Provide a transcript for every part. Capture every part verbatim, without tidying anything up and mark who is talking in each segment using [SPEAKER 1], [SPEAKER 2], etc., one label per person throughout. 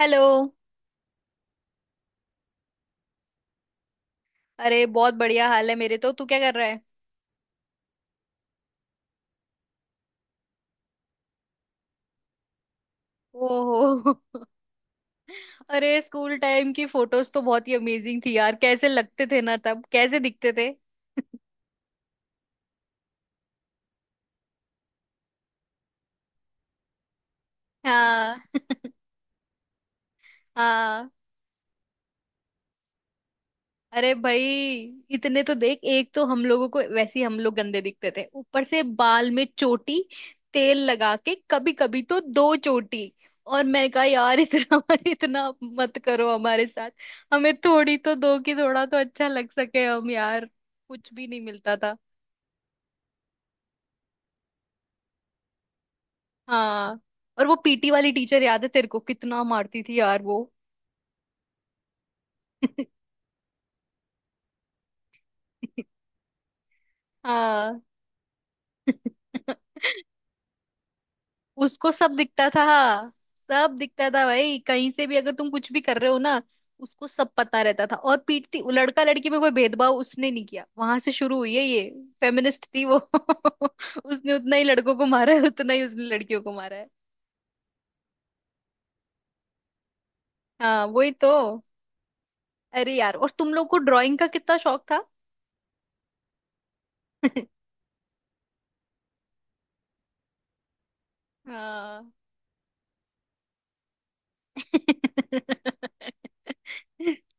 [SPEAKER 1] Hello. अरे बहुत बढ़िया हाल है मेरे तो। तू क्या कर रहा है? ओहो। अरे स्कूल टाइम की फोटोज तो बहुत ही अमेजिंग थी यार, कैसे लगते थे ना तब, कैसे दिखते थे। हाँ। हाँ। अरे भाई, इतने तो देख, एक तो हम लोगों को वैसे ही हम लोग गंदे दिखते थे, ऊपर से बाल में चोटी, तेल लगा के, कभी कभी तो दो चोटी। और मैंने कहा यार इतना इतना मत करो हमारे साथ। हमें थोड़ी तो दो की थोड़ा तो अच्छा लग सके हम यार। कुछ भी नहीं मिलता था। हाँ। और वो पीटी वाली टीचर याद है तेरे को, कितना मारती थी यार वो। हाँ। उसको सब दिखता था। सब दिखता था भाई, कहीं से भी अगर तुम कुछ भी कर रहे हो ना, उसको सब पता रहता था। और पीटती, लड़का लड़की में कोई भेदभाव उसने नहीं किया। वहां से शुरू हुई है ये फेमिनिस्ट थी वो। उसने उतना ही लड़कों को मारा है उतना ही उसने लड़कियों को मारा है। हाँ, वही तो। अरे यार, और तुम लोग को ड्राइंग का कितना शौक था। हाँ।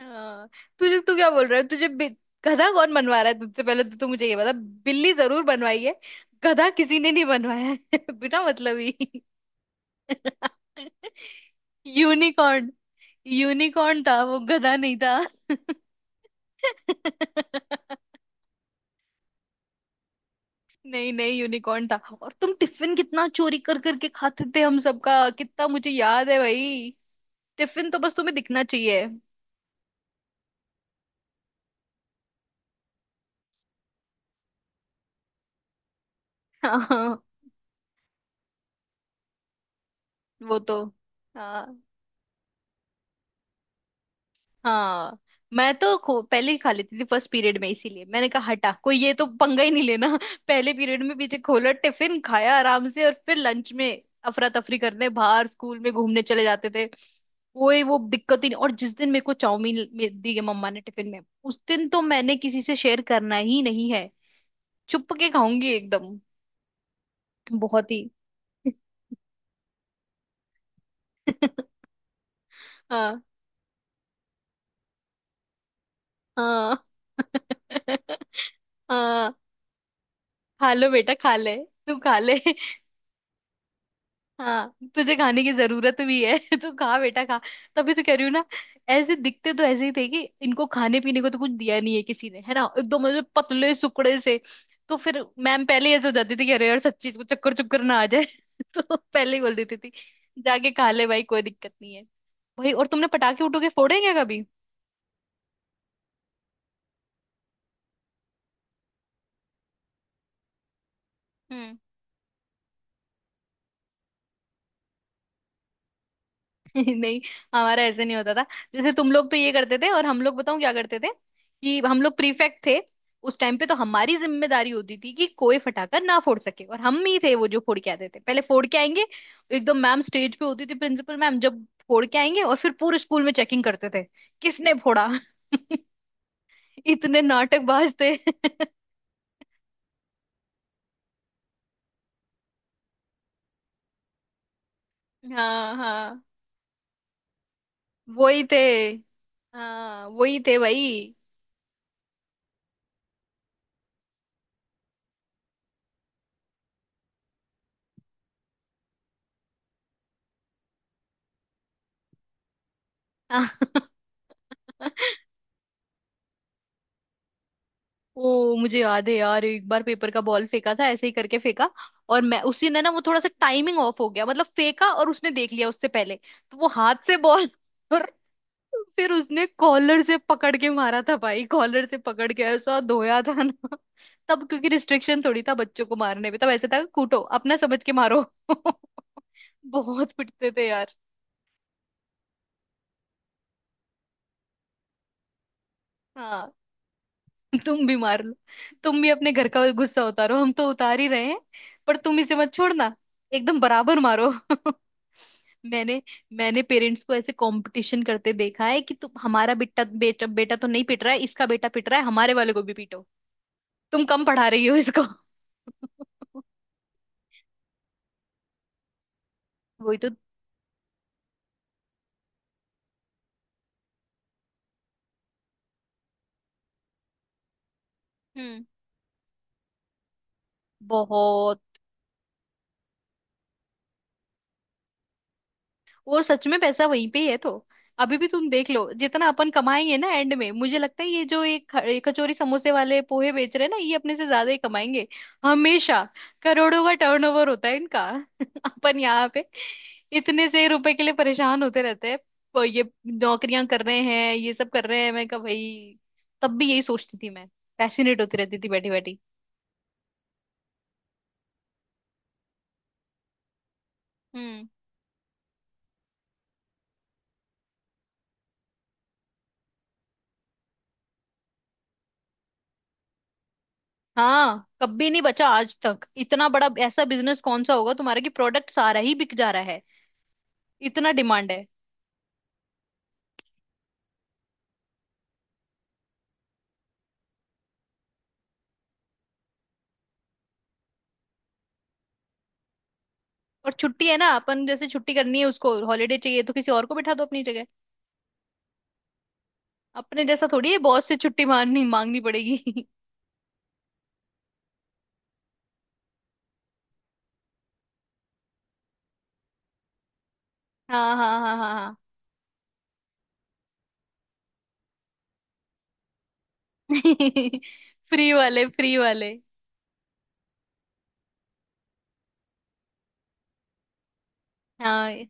[SPEAKER 1] हाँ। तुझे, तू क्या बोल रहा है? तुझे बि- गधा कौन बनवा रहा है तुझसे? पहले तो तू मुझे ये बता। बिल्ली जरूर बनवाई है, गधा किसी ने नहीं बनवाया है। बिना मतलब ही। यूनिकॉर्न। यूनिकॉर्न था वो, गधा नहीं था। नहीं नहीं, यूनिकॉर्न था। और तुम टिफिन कितना चोरी कर करके खाते थे हम सबका, कितना मुझे याद है भाई। टिफिन तो बस तुम्हें दिखना चाहिए। हाँ। वो तो हाँ हाँ, मैं तो खो- पहले ही खा लेती थी फर्स्ट पीरियड में। इसीलिए मैंने कहा हटा कोई, ये तो पंगा ही नहीं लेना। पहले पीरियड में पीछे खोला, टिफिन खाया आराम से, और फिर लंच में अफरा तफरी करने बाहर स्कूल में घूमने चले जाते थे। कोई वो दिक्कत ही नहीं। और जिस दिन मेरे को चाउमीन मे- दी है मम्मा ने टिफिन में, उस दिन तो मैंने किसी से शेयर करना ही नहीं है, चुप के खाऊंगी एकदम। बहुत ही। हाँ हाँ। हाँ, खा लो बेटा, खा ले। तू खा ले। हाँ, तुझे खाने की जरूरत भी है। तू खा बेटा खा। तभी तो कह रही हूँ ना। ऐसे दिखते तो ऐसे ही थे कि इनको खाने पीने को तो कुछ दिया नहीं है किसी ने, है ना, एकदम ऐसे पतले सुकड़े से। तो फिर मैम पहले ही ऐसे हो जाती थी कि अरे यार सच्ची इसको चक्कर चुक्कर ना आ जाए। तो पहले ही बोल देती थी, जाके खा ले भाई, कोई दिक्कत नहीं है। भाई, और तुमने पटाखे उठो के फोड़े हैं क्या कभी? नहीं, हमारा ऐसे नहीं होता था। जैसे तुम लोग तो ये करते थे, और हम लोग, बताऊं क्या करते थे? कि हम लोग प्रीफेक्ट थे उस टाइम पे, तो हमारी जिम्मेदारी होती थी कि कोई फटाका ना फोड़ सके, और हम ही थे वो जो फोड़ के आते थे। पहले फोड़ के आएंगे, एकदम मैम स्टेज पे होती थी प्रिंसिपल मैम, जब फोड़ के आएंगे, और फिर पूरे स्कूल में चेकिंग करते थे किसने फोड़ा। इतने नाटकबाज थे। हाँ हाँ वही थे, हाँ वही थे भाई। ओ, मुझे याद है यार, एक बार पेपर का बॉल फेंका था, ऐसे ही करके फेंका, और मैं उसी ने ना, वो थोड़ा सा टाइमिंग ऑफ हो गया, मतलब फेंका और उसने देख लिया उससे पहले, तो वो हाथ से बॉल और फिर उसने कॉलर से पकड़ के मारा था भाई, कॉलर से पकड़ के ऐसा धोया था ना। तब क्योंकि रिस्ट्रिक्शन थोड़ी था बच्चों को मारने में, तब ऐसे था, कूटो अपना समझ के मारो। बहुत पिटते थे यार। हाँ। तुम भी मार लो। तुम भी अपने घर का गुस्सा उतारो, हम तो उतार ही रहे हैं। पर तुम इसे मत छोड़ना, एकदम बराबर मारो। मैंने मैंने पेरेंट्स को ऐसे कंपटीशन करते देखा है कि तुम हमारा बेटा, बेटा बेटा तो नहीं पिट रहा है, इसका बेटा पिट रहा है, हमारे वाले को भी पीटो, तुम कम पढ़ा रही हो इसको। वही तो। हम्म, बहुत। और सच में पैसा वहीं पे ही है तो। अभी भी तुम देख लो, जितना अपन कमाएंगे ना एंड में, मुझे लगता है ये जो एक ख- ये कचौरी समोसे वाले पोहे बेच रहे हैं ना, ये अपने से ज्यादा ही कमाएंगे हमेशा। करोड़ों का टर्नओवर होता है इनका। अपन यहाँ पे इतने से रुपए के लिए परेशान होते रहते हैं। प- ये नौकरियां कर रहे हैं, ये सब कर रहे हैं। मैं कहा भाई, तब भी यही सोचती थी मैं, फैसिनेट होती रहती थी बैठी बैठी। हम्म। हाँ, कभी नहीं बचा आज तक। इतना बड़ा ऐसा बिजनेस कौन सा होगा तुम्हारा कि प्रोडक्ट सारा ही बिक जा रहा है। इतना डिमांड है। और छुट्टी है ना, अपन जैसे छुट्टी करनी है, उसको हॉलीडे चाहिए तो किसी और को बैठा दो अपनी जगह। अपने जैसा थोड़ी है बॉस से छुट्टी मांगनी मांगनी पड़ेगी। हाँ हाँ हाँ हाँ हाँ। फ्री वाले, फ्री वाले। हाँ,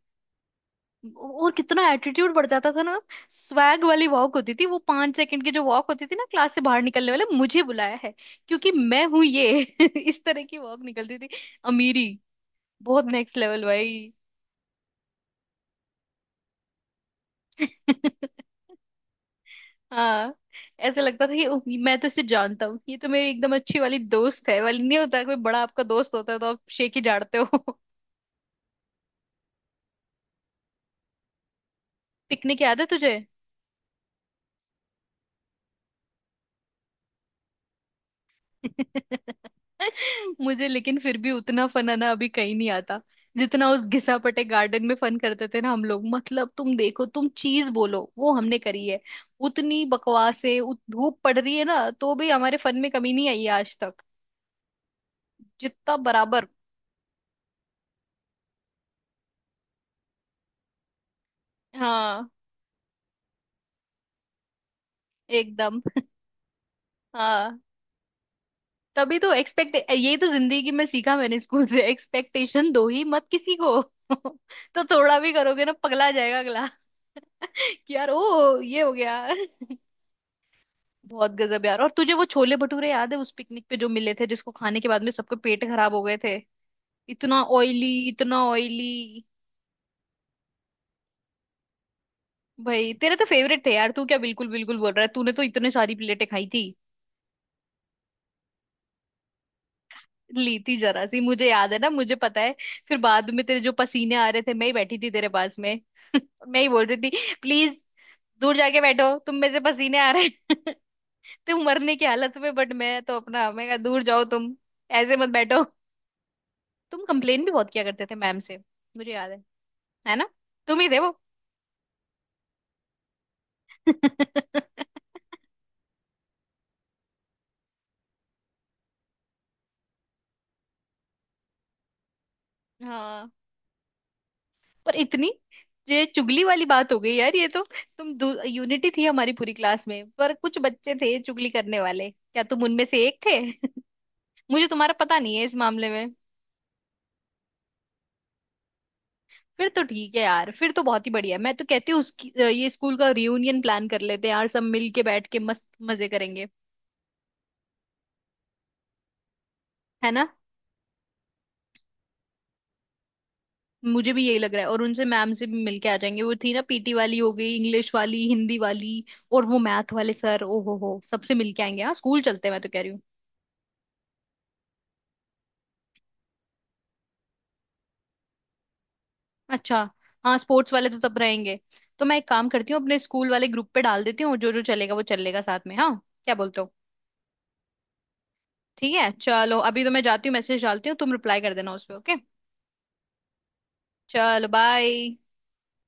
[SPEAKER 1] और कितना एटीट्यूड बढ़ जाता था ना। स्वैग वाली वॉक होती थी वो, पांच सेकंड की जो वॉक होती थी ना क्लास से बाहर निकलने वाले, मुझे बुलाया है क्योंकि मैं हूं ये। इस तरह की वॉक निकलती थी। अमीरी बहुत नेक्स्ट लेवल भाई। हाँ, ऐसे लगता था कि "उफ, मैं तो इसे जानता हूँ, ये तो मेरी एकदम अच्छी वाली दोस्त है" वाली। नहीं होता, कोई बड़ा आपका दोस्त होता है तो आप शेख ही झाड़ते हो। पिकनिक याद है तुझे? मुझे लेकिन फिर भी उतना फन आना अभी कहीं नहीं आता, जितना उस घिसापटे गार्डन में फन करते थे ना हम लोग। मतलब तुम देखो, तुम चीज बोलो वो हमने करी है। उतनी बकवास है, उत धूप पड़ रही है ना, तो भी हमारे फन में कमी नहीं आई है आज तक, जितना बराबर। हाँ, एकदम। हाँ, तभी तो एक्सपेक्ट, ये तो जिंदगी में सीखा मैंने स्कूल से, एक्सपेक्टेशन दो ही मत किसी को। तो थोड़ा भी करोगे ना पगला जाएगा अगला। कि यार ओ ये हो गया। बहुत गजब यार। और तुझे वो छोले भटूरे याद है उस पिकनिक पे जो मिले थे, जिसको खाने के बाद में सबके पेट खराब हो गए थे? इतना ऑयली, इतना ऑयली। भाई, तेरे तो फेवरेट थे यार, तू क्या बिल्कुल बिल्कुल बोल रहा है? तूने तो इतने सारी प्लेटें खाई थी। ली थी जरा सी, मुझे याद है ना, मुझे पता है। फिर बाद में तेरे जो पसीने आ रहे थे, मैं ही बैठी थी तेरे पास में। मैं ही बोल रही थी प्लीज दूर जाके बैठो, तुम में से पसीने आ रहे हैं। तुम मरने की हालत में, बट मैं तो अपना, मैं कहा दूर जाओ तुम, ऐसे मत बैठो। तुम कंप्लेन भी बहुत किया करते थे मैम से, मुझे याद है। है ना, तुम ही थे वो। हाँ। पर इतनी, ये चुगली वाली बात हो गई यार, ये तो। तुम, यूनिटी थी हमारी पूरी क्लास में, पर कुछ बच्चे थे चुगली करने वाले, क्या तुम उनमें से एक थे? मुझे तुम्हारा पता नहीं है इस मामले में। फिर तो ठीक है यार, फिर तो बहुत ही बढ़िया। मैं तो कहती हूँ उसकी अ, ये स्कूल का रियूनियन प्लान कर लेते हैं यार, सब मिल के बैठ के मस्त मजे करेंगे। है ना? मुझे भी यही लग रहा है। और उनसे, मैम से भी मिल के आ जाएंगे, वो थी ना पीटी वाली, हो गई इंग्लिश वाली, हिंदी वाली, और वो मैथ वाले सर, ओ हो हो सबसे मिल के आएंगे। हाँ स्कूल चलते हैं, मैं तो कह रही हूँ। अच्छा, हाँ स्पोर्ट्स वाले तो तब रहेंगे। तो मैं एक काम करती हूँ, अपने स्कूल वाले ग्रुप पे डाल देती हूँ, जो जो चलेगा वो चलेगा साथ में। हाँ, क्या बोलते हो? ठीक है, चलो, अभी तो मैं जाती हूँ, मैसेज डालती हूँ, तुम रिप्लाई कर देना उस पे, ओके। चलो बाय।